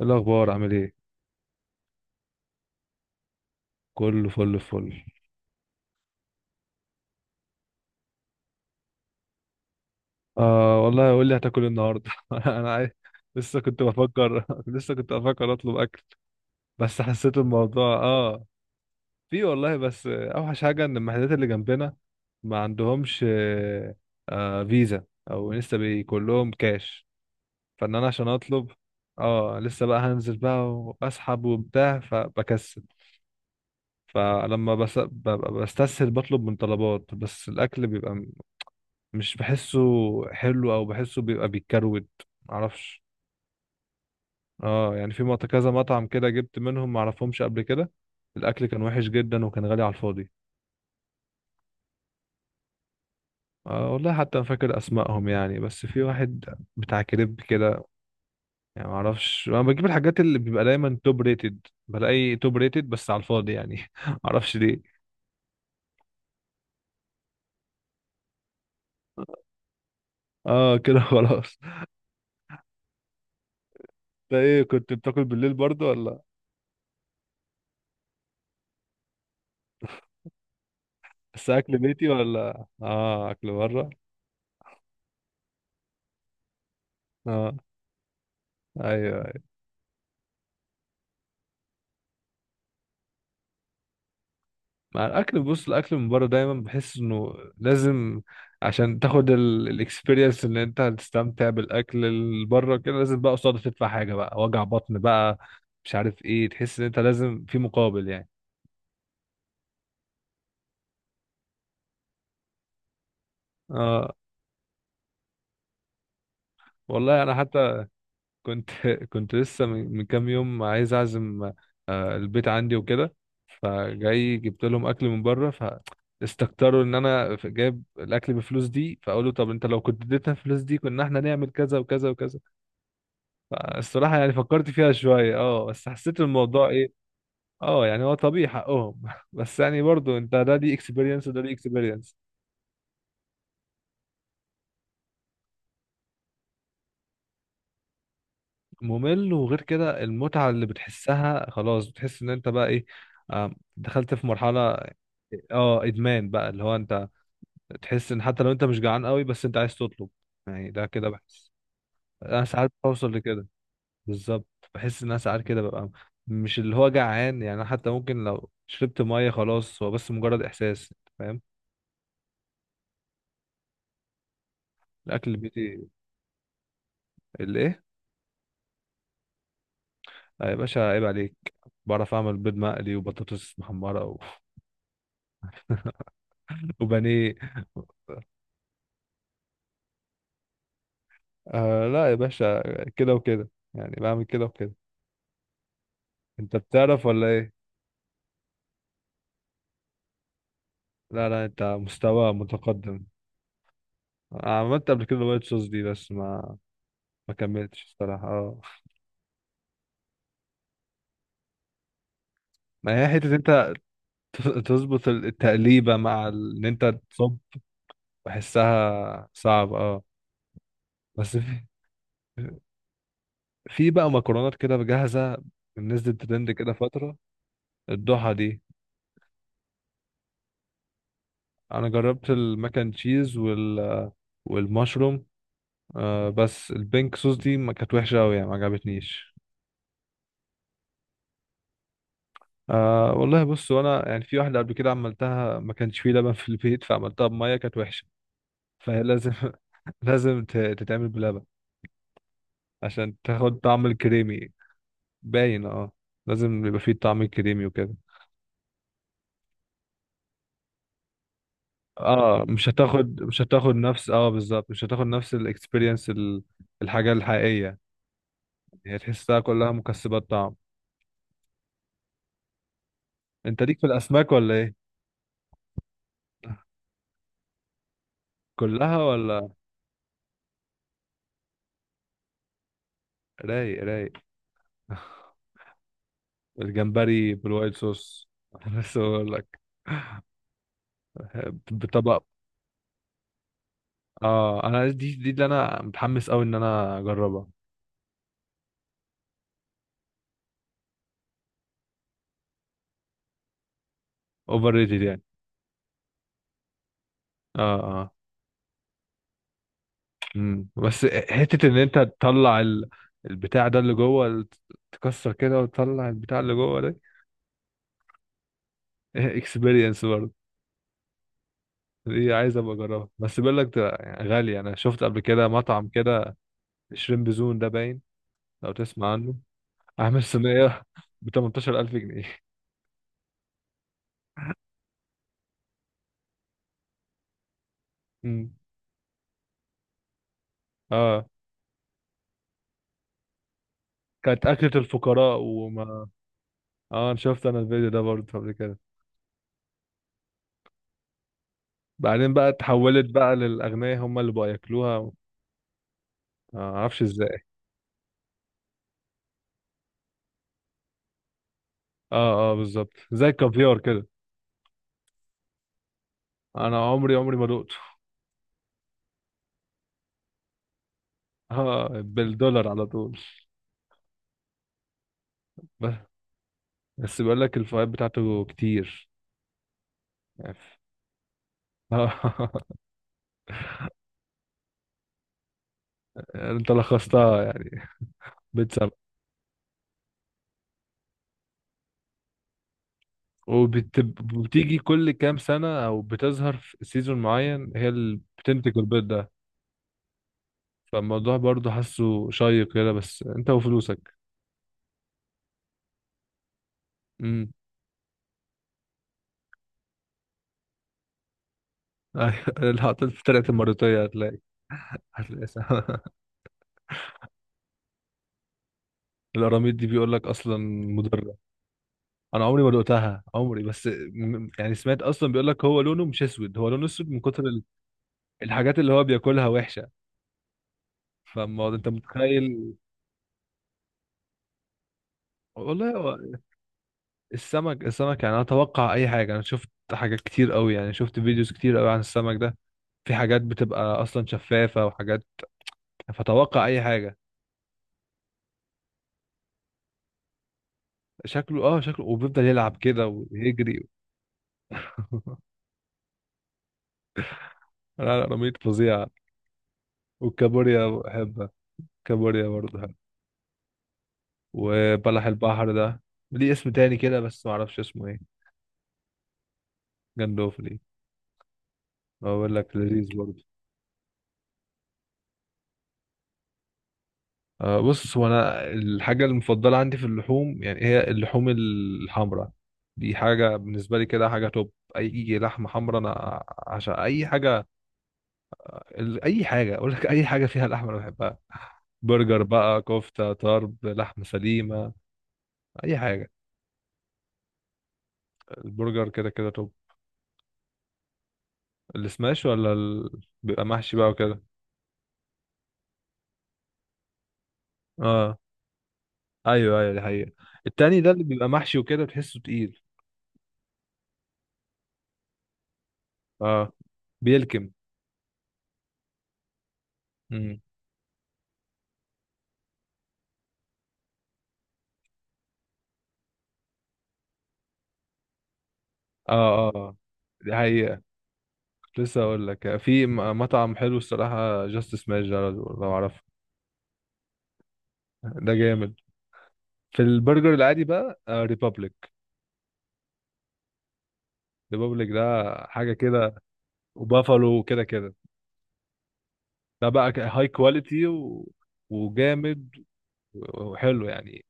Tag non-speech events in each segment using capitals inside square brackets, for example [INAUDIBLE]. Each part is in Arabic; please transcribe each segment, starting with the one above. إيه الأخبار عامل إيه؟ كله فل فل. آه والله، قول لي هتاكل إيه النهاردة؟ [LAUGHS] أنا عايز. لسه كنت بفكر [LAUGHS] لسه كنت بفكر أطلب أكل، بس حسيت الموضوع في والله، بس أوحش حاجة إن المحلات اللي جنبنا ما عندهمش فيزا، أو لسه بي كلهم كاش، فإن أنا عشان أطلب لسه بقى هنزل بقى وأسحب وبتاع فبكسل. فلما ببقى بستسهل بطلب من طلبات، بس الأكل بيبقى مش بحسه حلو، او بحسه بيبقى بيتكروت، معرفش. اه يعني في كذا مطعم كده جبت منهم معرفهمش قبل كده. الاكل كان وحش جدا وكان غالي على الفاضي. آه والله حتى انا فاكر اسمائهم يعني، بس في واحد بتاع كريب كده. يعني معرفش، انا بجيب الحاجات اللي بيبقى دايما توب ريتد، بلاقي توب ريتد بس على الفاضي يعني. [LAUGHS] معرفش ليه. اه كده خلاص. ده ايه، كنت بتاكل بالليل برضو ولا بس اكل بيتي، ولا اه اكل بره؟ اه ايوه. مع الاكل، بص الاكل من بره دايما بحس انه لازم عشان تاخد الاكسبيرينس ان انت هتستمتع بالاكل اللي بره كده، لازم بقى قصاده تدفع حاجه بقى، وجع بطن بقى، مش عارف ايه، تحس ان انت لازم في مقابل يعني. اه والله انا حتى كنت [LAUGHS] كنت لسه من كام يوم عايز اعزم البيت عندي وكده، فجاي جبت لهم اكل من بره، فاستكتروا ان انا جايب الاكل بفلوس دي، فقالوا طب انت لو كنت اديتنا الفلوس دي كنا احنا نعمل كذا وكذا وكذا. الصراحة يعني فكرت فيها شوية، اه بس حسيت الموضوع ايه. اه يعني هو طبيعي، حقهم [LAUGHS] بس يعني برضو انت ده دي اكسبيرينس وده دي اكسبيرينس. ممل، وغير كده المتعة اللي بتحسها خلاص، بتحس ان انت بقى ايه، دخلت في مرحلة اه ادمان بقى، اللي هو انت تحس ان حتى لو انت مش جعان قوي بس انت عايز تطلب، يعني ده كده بحس. انا ساعات بوصل لكده. بالظبط، بحس ان انا ساعات كده ببقى مش اللي هو جعان يعني، أنا حتى ممكن لو شربت ميه خلاص، هو بس مجرد احساس، فاهم. الاكل البيتي. الايه؟ يا باشا عيب عليك، بعرف اعمل بيض مقلي وبطاطس محمره و... [LAUGHS] وبانيه. آه لا يا باشا، كده وكده يعني، بعمل كده وكده. انت بتعرف ولا ايه؟ لا لا انت مستوى متقدم. أنا عملت قبل كده وايت صوص دي بس ما كملتش الصراحه اه. ما هي حته انت تظبط التقليبه مع ان انت تصب، بحسها صعب اه. بس في، في بقى مكرونات كده جاهزه نزلت ترند كده فتره الضحى دي. انا جربت الماك اند تشيز والمشروم، آه بس البينك صوص دي ما كانت وحشه قوي يعني، ما عجبتنيش. آه والله بص، وانا يعني في واحده قبل كده عملتها ما كانش فيه لبن في البيت فعملتها بميه، كانت وحشه. فهي لازم [LAUGHS] لازم تتعمل بلبن عشان تاخد طعم الكريمي، باين اه. لازم يبقى فيه الطعم الكريمي وكده. اه مش هتاخد نفس بالظبط، مش هتاخد نفس الاكسبيرينس، الحاجه الحقيقيه. هي تحسها كلها مكسبات طعم. انت ليك في الاسماك ولا ايه؟ كلها ولا؟ رايق رايق. [LAUGHS] الجمبري بالوايت صوص [LAUGHS] بس اقول لك، بطبق. اه انا دي اللي انا متحمس قوي ان انا اجربها. اوفر ريتد يعني، اه اه. امم، بس حته ان انت تطلع ال... البتاع ده اللي جوه، تكسر كده وتطلع البتاع اللي جوه ده. [LAUGHS] اكسبيرينس برضه. دي عايز ابقى اجربها، بس بيقول لك ده يعني غالي. انا شفت قبل كده مطعم كده، شريمب زون ده باين، لو تسمع عنه. عامل صينيه [LAUGHS] ب 18,000 جنيه. مم. اه كانت أكلة الفقراء وما. اه انا شفت انا الفيديو ده برضه قبل كده. بعدين بقى اتحولت بقى للأغنياء هم اللي بقى ياكلوها معرفش ازاي. اه اه بالظبط، زي الكافيار كده. انا عمري ما دقته. [LAUGHS] اه، بالدولار على طول. بس بس بيقول لك الفوائد بتاعته كتير يعني، اه. [LAUGHS] يعني انت لخصتها يعني، بتسبب. وبتيجي كل كام سنة او بتظهر في سيزون معين هي اللي بتنتج البيض ده. فالموضوع برضه حاسه شيق كده، بس انت وفلوسك. امم. [LAUGHS] اللي حطيت في طلعت المرتية هتلاقي، هتلاقي. [LAUGHS] القراميط دي بيقول لك اصلا مضرة. انا عمري ما دقتها عمري، بس يعني سمعت اصلا، بيقول لك هو لونه مش اسود، هو لونه اسود من كتر الحاجات اللي هو بياكلها وحشة. فالموضوع انت متخيل. والله هو السمك يعني انا اتوقع اي حاجة، انا شفت حاجات كتير قوي يعني، شفت فيديوز كتير قوي عن السمك ده. في حاجات بتبقى اصلا شفافة وحاجات، فتوقع اي حاجة. شكله اه، شكله وبيفضل يلعب كده ويجري. [LAUGHS] لا لا، رميت فظيعة. والكابوريا بحبها. كابوريا برضه حلو. وبلح البحر ده ليه اسم تاني كده بس ما اعرفش اسمه ايه. جندوفلي. بقول لك لذيذ برضه. آه بص، هو انا الحاجة المفضلة عندي في اللحوم يعني هي اللحوم الحمراء. دي حاجة بالنسبة لي كده حاجة توب، أي لحمة حمراء أنا عشان أي حاجة. أي حاجة أقول لك، أي حاجة فيها لحمة أنا بحبها. برجر بقى، كفتة، طرب، لحمة سليمة، اي حاجه. البرجر كده كده، طب السماش ولا ال...؟ بيبقى محشي بقى وكده، اه. ايوه ايوه دي حقيقه. التاني ده اللي بيبقى محشي وكده تحسه تقيل، اه بيلكم. امم، اه اه آه، دي حقيقه. كنت لسه اقول لك في مطعم حلو الصراحه، جاست سماش ده لو لو عارفه، ده جامد. في البرجر العادي بقى ريبابليك، ريبابليك ده حاجه كده. وبافالو وكده كده. ده بقى هاي كواليتي و... وجامد وحلو يعني،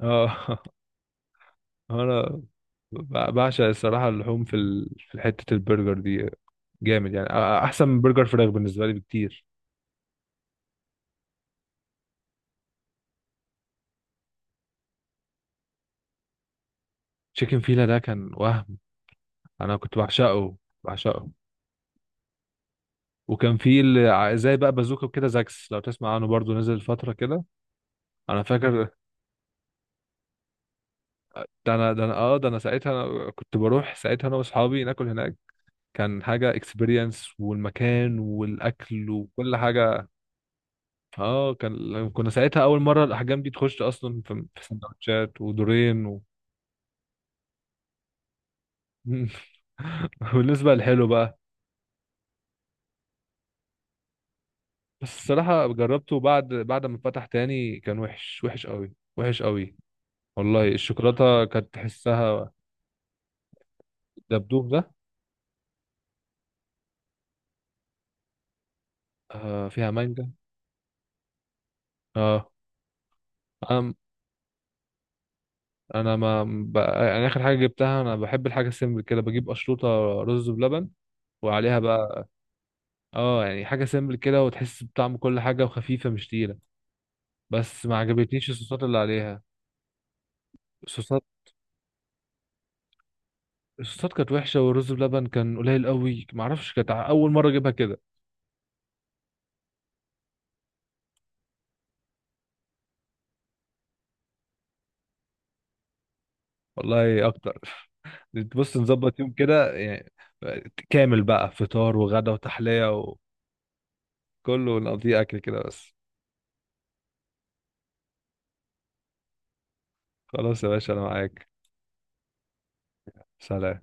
اه. [LAUGHS] انا بعشق الصراحه اللحوم في ال... في حته البرجر دي جامد يعني، احسن من برجر فراخ بالنسبه لي بكتير. تشيكن فيلا ده كان وهم، انا كنت بعشقه، بعشقه. وكان في زي بقى بازوكا كده، زاكس لو تسمع عنه برضو، نزل فتره كده انا فاكر. ده انا ساعتها أنا كنت بروح ساعتها انا واصحابي ناكل هناك، كان حاجه اكسبيرينس، والمكان والاكل وكل حاجه، اه. كان كنا ساعتها اول مره الاحجام دي تخش اصلا في في سندوتشات ودورين. مم. [LAUGHS] بالنسبة للحلو بقى، بس الصراحة جربته بعد بعد ما فتح تاني كان وحش، وحش قوي وحش قوي. والله الشوكولاتة كانت تحسها. دبدوب ده. آه فيها مانجا، اه. انا انا ما بقى يعني اخر حاجة جبتها، انا بحب الحاجة سيمبل كده، بجيب اشروطة، رز بلبن وعليها بقى اه. يعني حاجة سيمبل كده وتحس بطعم كل حاجة، وخفيفة مش تقيلة. بس ما عجبتنيش الصوصات اللي عليها. الصوصات. الصوصات كانت وحشة، والرز بلبن كان قليل قوي، معرفش كانت أول مرة أجيبها كده. والله اكتر. بص نظبط يوم كده يعني كامل بقى، فطار وغدا وتحلية، وكله نقضيه اكل كده بس. خلاص يا باشا انا معاك. سلام.